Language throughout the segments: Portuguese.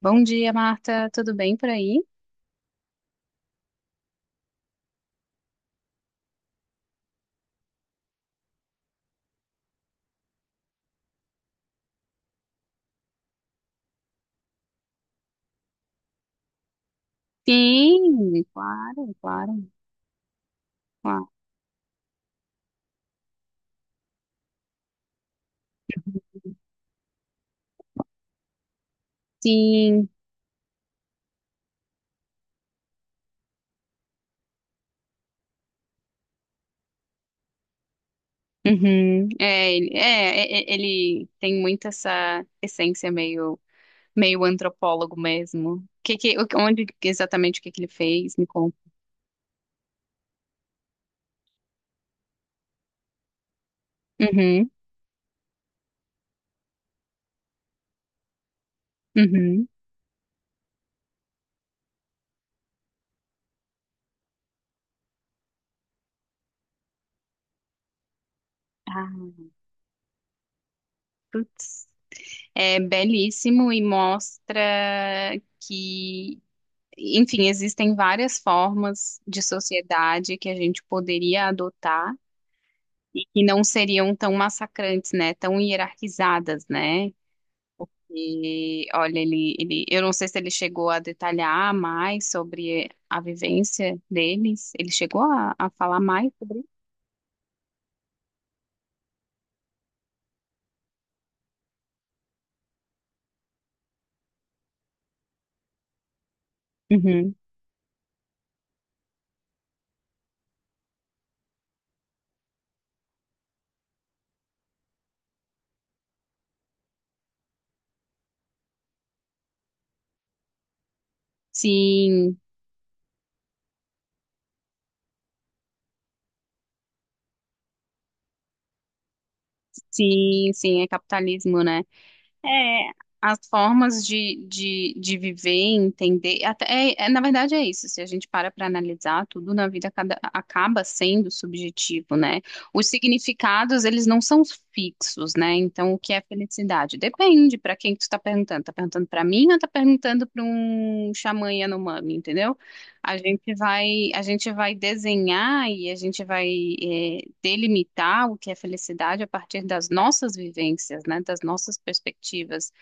Bom dia, Marta. Tudo bem por aí? Sim, claro, claro, claro. Sim. Uhum. É, ele, ele tem muito essa essência meio, meio antropólogo mesmo. Onde exatamente o que ele fez? Me conta. Uhum, uhum. Ah, putz. É belíssimo e mostra que, enfim, existem várias formas de sociedade que a gente poderia adotar e que não seriam tão massacrantes, né? Tão hierarquizadas, né? E olha, eu não sei se ele chegou a detalhar mais sobre a vivência deles. Ele chegou a falar mais sobre isso? Uhum. Sim, sim, sim, é capitalismo, né? É, as formas de viver, entender, até, na verdade é isso, se a gente para analisar, tudo na vida cada- acaba sendo subjetivo, né? Os significados, eles não são fixos, né? Então, o que é felicidade? Depende para quem que tu tá perguntando. Tá perguntando para mim ou tá perguntando para um xamã Yanomami, entendeu? A gente vai desenhar e a gente vai, delimitar o que é felicidade a partir das nossas vivências, né, das nossas perspectivas.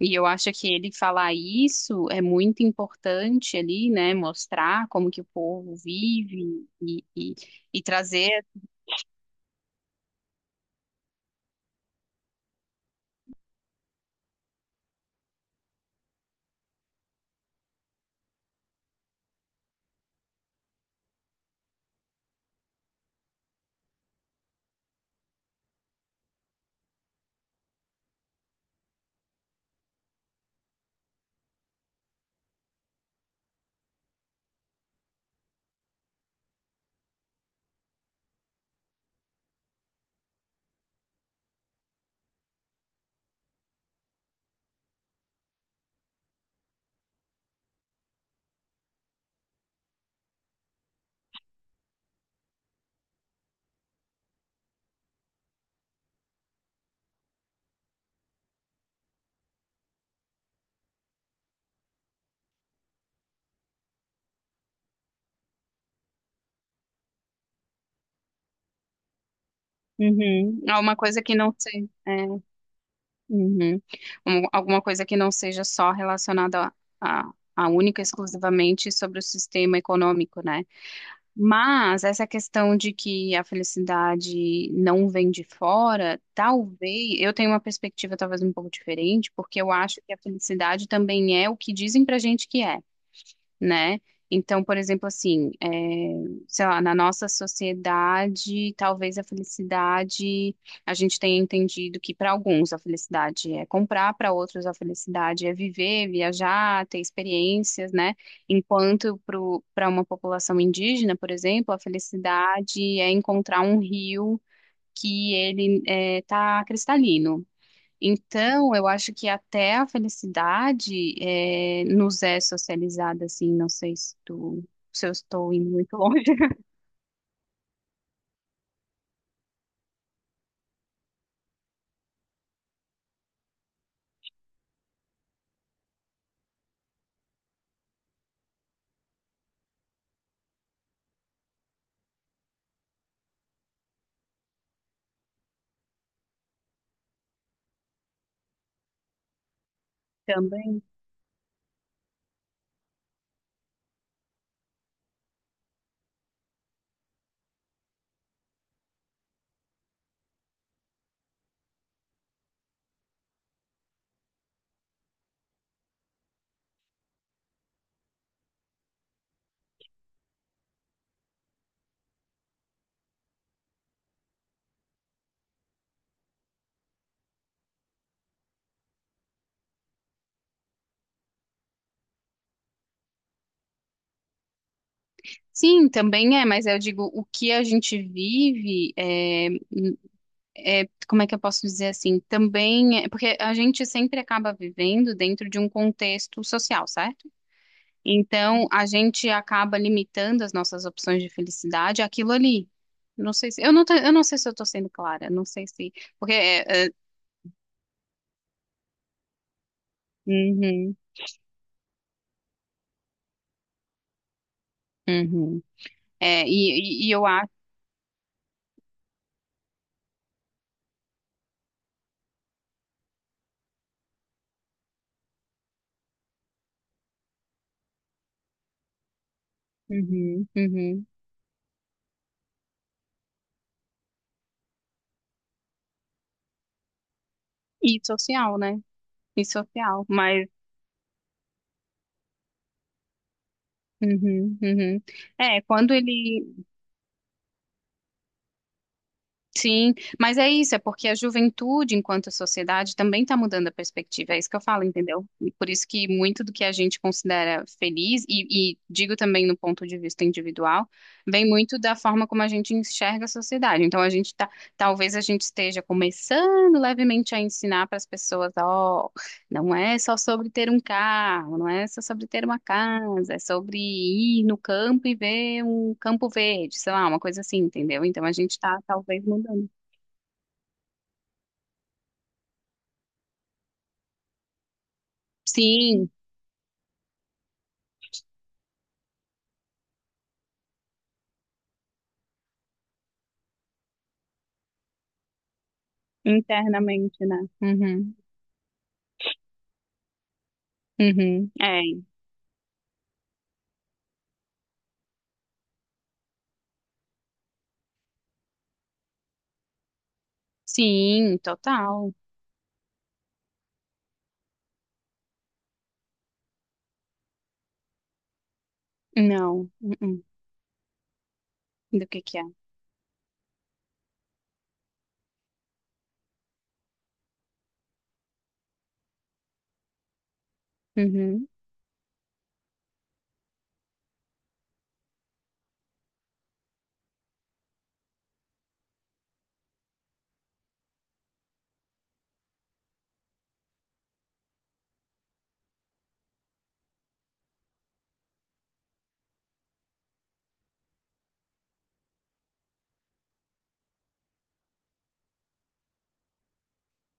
E eu acho que ele falar isso é muito importante ali, né, mostrar como que o povo vive e trazer uhum, alguma coisa que não seja, é, uhum, alguma coisa que não seja só relacionada a, a única e exclusivamente sobre o sistema econômico, né? Mas essa questão de que a felicidade não vem de fora, talvez eu tenho uma perspectiva talvez um pouco diferente, porque eu acho que a felicidade também é o que dizem pra gente que é, né? Então, por exemplo, assim, é, sei lá, na nossa sociedade, talvez a felicidade, a gente tenha entendido que para alguns a felicidade é comprar, para outros a felicidade é viver, viajar, ter experiências, né? Enquanto para uma população indígena, por exemplo, a felicidade é encontrar um rio que ele está cristalino. Então, eu acho que até a felicidade nos é socializada, assim, não sei se tu, se eu estou indo muito longe também. Sim, também é, mas eu digo, o que a gente vive, n- como é que eu posso dizer assim? Também é, porque a gente sempre acaba vivendo dentro de um contexto social, certo? Então, a gente acaba limitando as nossas opções de felicidade àquilo ali. Não sei se, eu não, tô- eu não sei se eu estou sendo clara, não sei se porque é, uhum, uhum. E eu acho. Uhum, uhum. E social, né? E social. Mas, uhum, uhum, é, quando ele. Sim, mas é isso, é porque a juventude, enquanto sociedade, também está mudando a perspectiva. É isso que eu falo, entendeu? E por isso que muito do que a gente considera feliz, e digo também no ponto de vista individual, vem muito da forma como a gente enxerga a sociedade. Então, a gente tá, talvez a gente esteja começando levemente a ensinar para as pessoas, ó. Não é só sobre ter um carro, não é só sobre ter uma casa, é sobre ir no campo e ver um campo verde, sei lá, uma coisa assim, entendeu? Então a gente está talvez mudando. Sim, internamente, né? Uhum, uhum, é, sim, total. Não, uh-uh. Do que é? Uhum.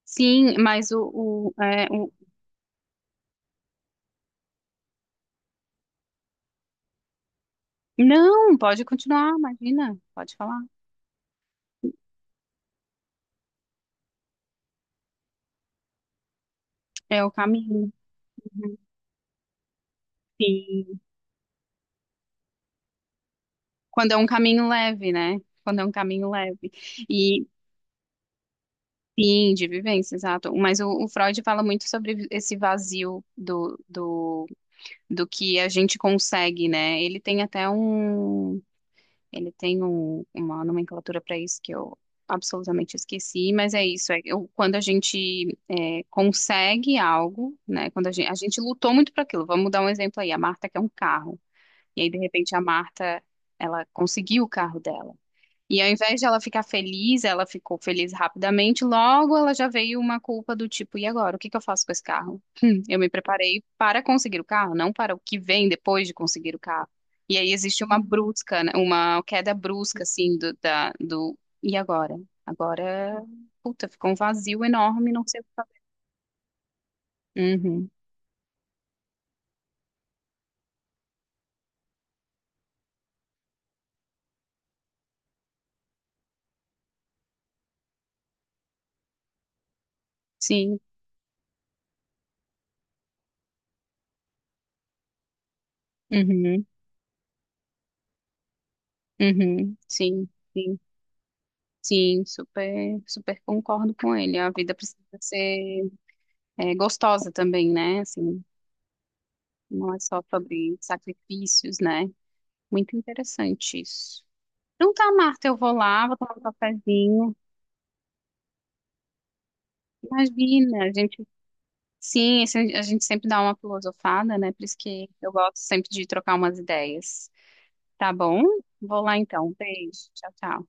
Sim, mas o... Não, pode continuar, imagina, pode falar. É o caminho. Uhum. Sim. Quando é um caminho leve, né? Quando é um caminho leve. E sim, de vivência, exato. Mas o Freud fala muito sobre esse vazio do que a gente consegue, né? Ele tem até um. Ele tem uma nomenclatura para isso que eu absolutamente esqueci, mas é isso. É, quando consegue algo, né? Quando a gente lutou muito para aquilo. Vamos dar um exemplo aí. A Marta quer um carro. E aí, de repente, a Marta. Ela conseguiu o carro dela. E ao invés de ela ficar feliz, ela ficou feliz rapidamente, logo ela já veio uma culpa do tipo, e agora, o que eu faço com esse carro? Eu me preparei para conseguir o carro, não para o que vem depois de conseguir o carro. E aí existe uma brusca, né, uma queda brusca, assim, e agora? Agora, puta, ficou um vazio enorme, não sei o que fazer. Uhum, sim, uhum, uhum, sim, sim, sim, super, super concordo com ele. A vida precisa ser é, gostosa também, né? Assim, não é só sobre sacrifícios, né? Muito interessante isso. Então tá, Marta, eu vou lá, vou tomar um cafezinho. Imagina, sim, a gente sempre dá uma filosofada, né? Por isso que eu gosto sempre de trocar umas ideias. Tá bom? Vou lá então. Beijo. Tchau, tchau.